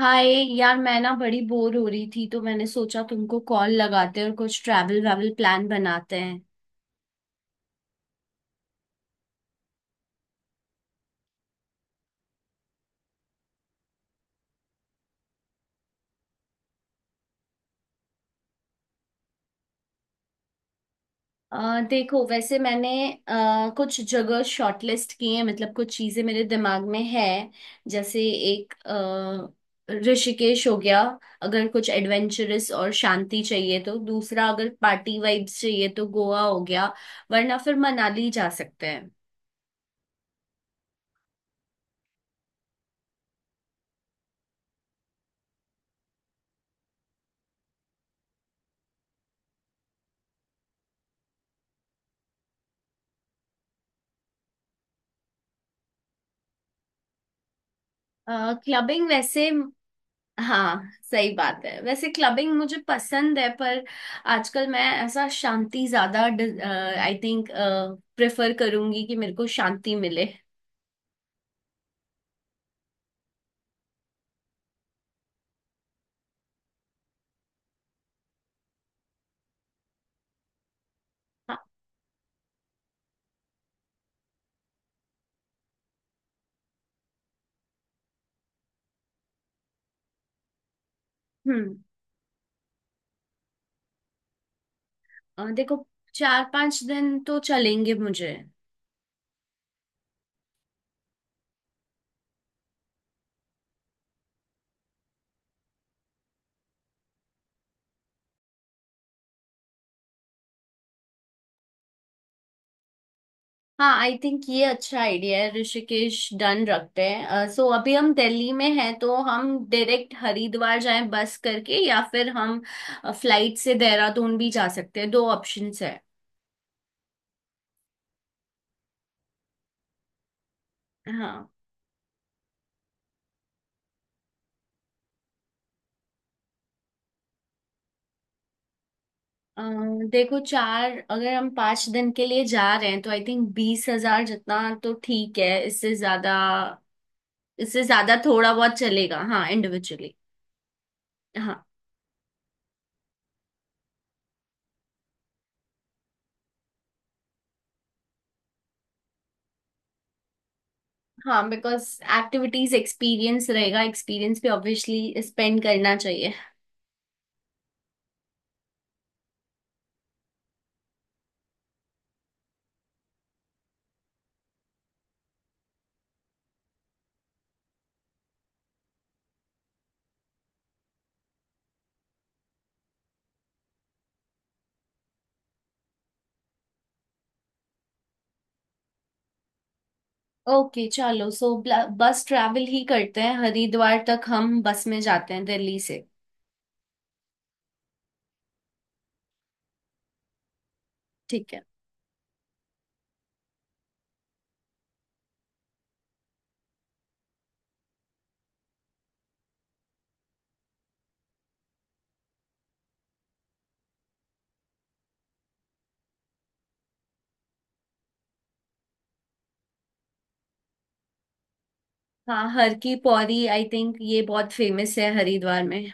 हाय। यार मैं ना बड़ी बोर हो रही थी तो मैंने सोचा तुमको कॉल लगाते हैं और कुछ ट्रैवल वैवल प्लान बनाते हैं। देखो, वैसे मैंने कुछ जगह शॉर्टलिस्ट किए हैं, मतलब कुछ चीजें मेरे दिमाग में है। जैसे, एक ऋषिकेश हो गया। अगर कुछ एडवेंचरस और शांति चाहिए तो। दूसरा, अगर पार्टी वाइब्स चाहिए तो गोवा हो गया। वरना फिर मनाली जा सकते हैं। क्लबिंग वैसे। हाँ, सही बात है। वैसे क्लबिंग मुझे पसंद है, पर आजकल मैं ऐसा शांति ज्यादा, आई थिंक, प्रेफर करूंगी कि मेरे को शांति मिले। हाँ। हम्म देखो, 4-5 दिन तो चलेंगे मुझे। हाँ, आई थिंक ये अच्छा आइडिया है। ऋषिकेश डन रखते हैं। सो अभी हम दिल्ली में हैं, तो हम डायरेक्ट हरिद्वार जाएं बस करके, या फिर हम फ्लाइट से देहरादून भी जा सकते हैं। दो ऑप्शंस है। हाँ। अ, देखो, चार अगर हम 5 दिन के लिए जा रहे हैं तो आई थिंक 20,000 जितना। तो ठीक है। इससे ज्यादा थोड़ा बहुत चलेगा। हाँ, इंडिविजुअली। हाँ, हाँ। बिकॉज एक्टिविटीज एक्सपीरियंस रहेगा, एक्सपीरियंस भी ऑब्वियसली स्पेंड करना चाहिए। ओके, चलो। सो बस ट्रैवल ही करते हैं, हरिद्वार तक हम बस में जाते हैं दिल्ली से। ठीक है। हाँ, हर की पौड़ी, आई थिंक, ये बहुत फेमस है हरिद्वार में।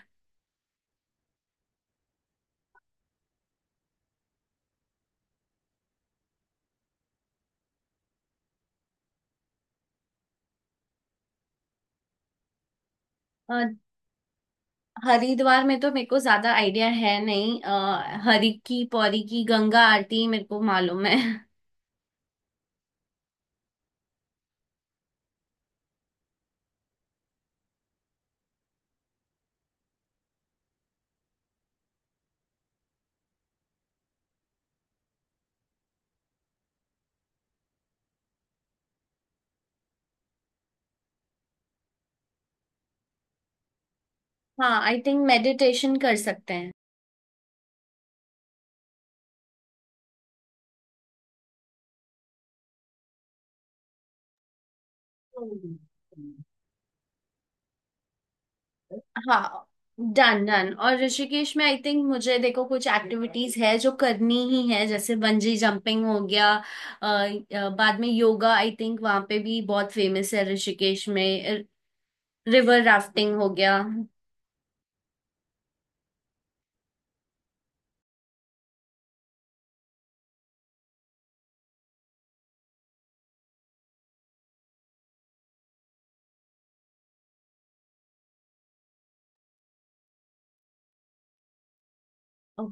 हरिद्वार में तो मेरे को ज्यादा आइडिया है नहीं। हरि की पौरी की गंगा आरती मेरे को मालूम है। हाँ, आई थिंक मेडिटेशन कर सकते हैं। हम्म। हाँ, डन डन। और ऋषिकेश में आई थिंक मुझे देखो कुछ एक्टिविटीज है जो करनी ही है, जैसे बंजी जंपिंग हो गया। बाद में योगा, आई थिंक, वहाँ पे भी बहुत फेमस है ऋषिकेश में। रिवर राफ्टिंग हो गया। ओ,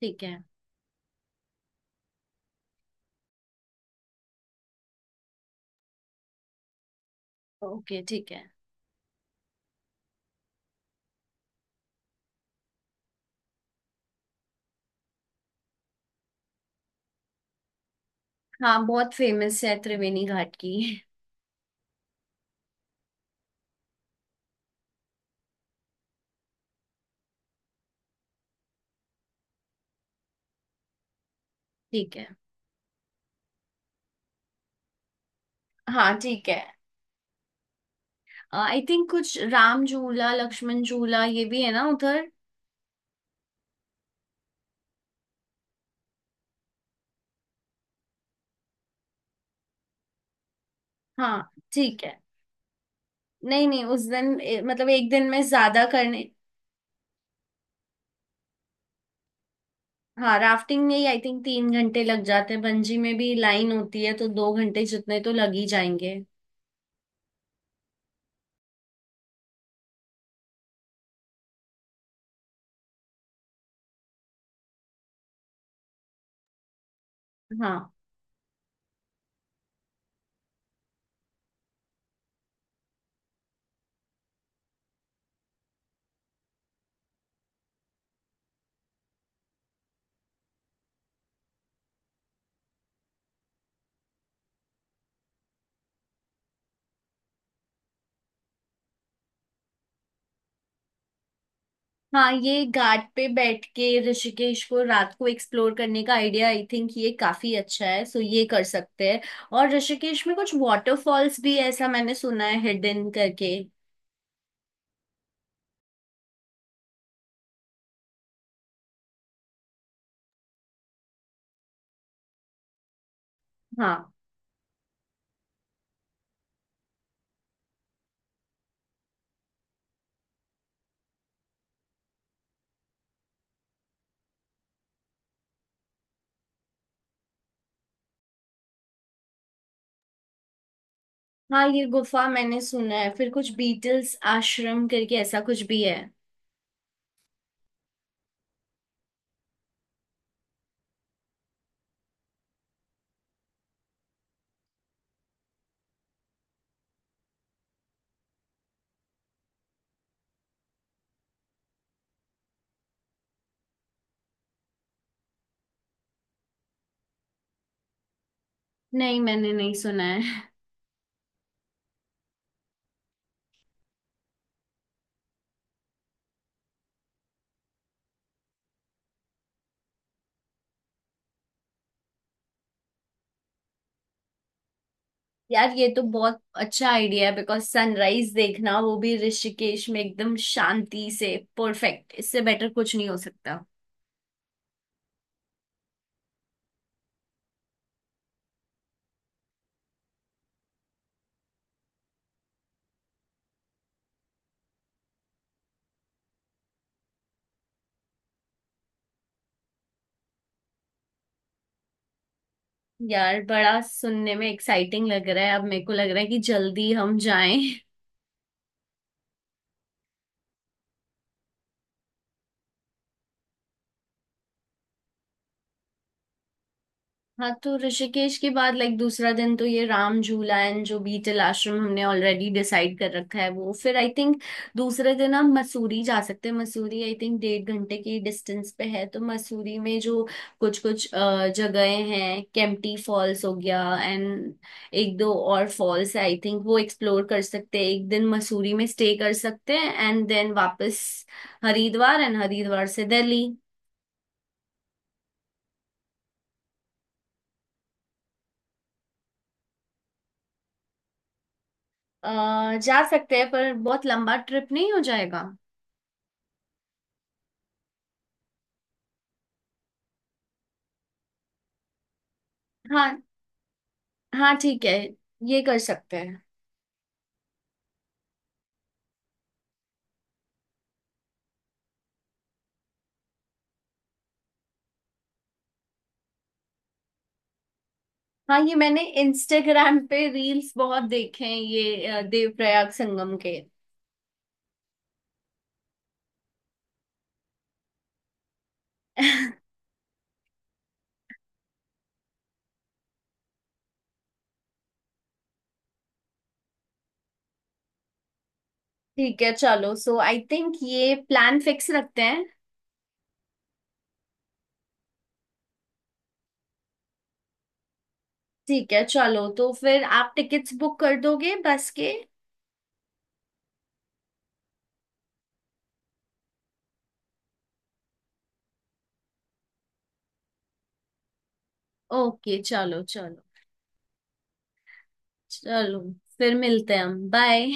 ठीक है। ओके, ठीक है। हाँ, बहुत फेमस है त्रिवेणी घाट की। ठीक है। हाँ, ठीक है। आई थिंक कुछ राम झूला, लक्ष्मण झूला, ये भी है ना उधर। हाँ, ठीक है। नहीं नहीं, उस दिन मतलब एक दिन में ज्यादा करने। हाँ, राफ्टिंग में ही आई थिंक 3 घंटे लग जाते हैं, बंजी में भी लाइन होती है तो 2 घंटे जितने तो लग ही जाएंगे। हाँ, हाँ। ये घाट पे बैठ के ऋषिकेश को रात को एक्सप्लोर करने का आइडिया, आई थिंक, ये काफी अच्छा है। सो ये कर सकते हैं। और ऋषिकेश में कुछ वाटरफॉल्स भी है, ऐसा मैंने सुना है, हिडन करके। हाँ, हाँ। ये गुफा मैंने सुना है, फिर कुछ बीटल्स आश्रम करके ऐसा कुछ भी है। नहीं, मैंने नहीं सुना है। यार, ये तो बहुत अच्छा आइडिया है, बिकॉज सनराइज देखना, वो भी ऋषिकेश में एकदम शांति से, परफेक्ट। इससे बेटर कुछ नहीं हो सकता। यार, बड़ा सुनने में एक्साइटिंग लग रहा है, अब मेरे को लग रहा है कि जल्दी हम जाएं। हाँ, तो ऋषिकेश के बाद, लाइक, दूसरा दिन तो ये राम झूला एंड जो बीटल आश्रम हमने ऑलरेडी डिसाइड कर रखा है वो, फिर आई थिंक दूसरे दिन हम मसूरी जा सकते हैं। मसूरी, आई थिंक, 1.5 घंटे की डिस्टेंस पे है, तो मसूरी में जो कुछ कुछ जगहें हैं, केम्प्टी फॉल्स हो गया, एंड एक दो और फॉल्स है, आई थिंक वो एक्सप्लोर कर सकते हैं। एक दिन मसूरी में स्टे कर सकते हैं, एंड देन वापस हरिद्वार, एंड हरिद्वार से दिल्ली। अ, जा सकते हैं, पर बहुत लंबा ट्रिप नहीं हो जाएगा। हाँ। हाँ, ठीक है, ये कर सकते हैं। हाँ, ये मैंने इंस्टाग्राम पे रील्स बहुत देखे हैं, ये देवप्रयाग संगम के। ठीक है, चलो। सो आई थिंक ये प्लान फिक्स रखते हैं। ठीक है, चलो। तो फिर आप टिकट्स बुक कर दोगे बस के। ओके, चलो चलो चलो। फिर मिलते हैं हम। बाय।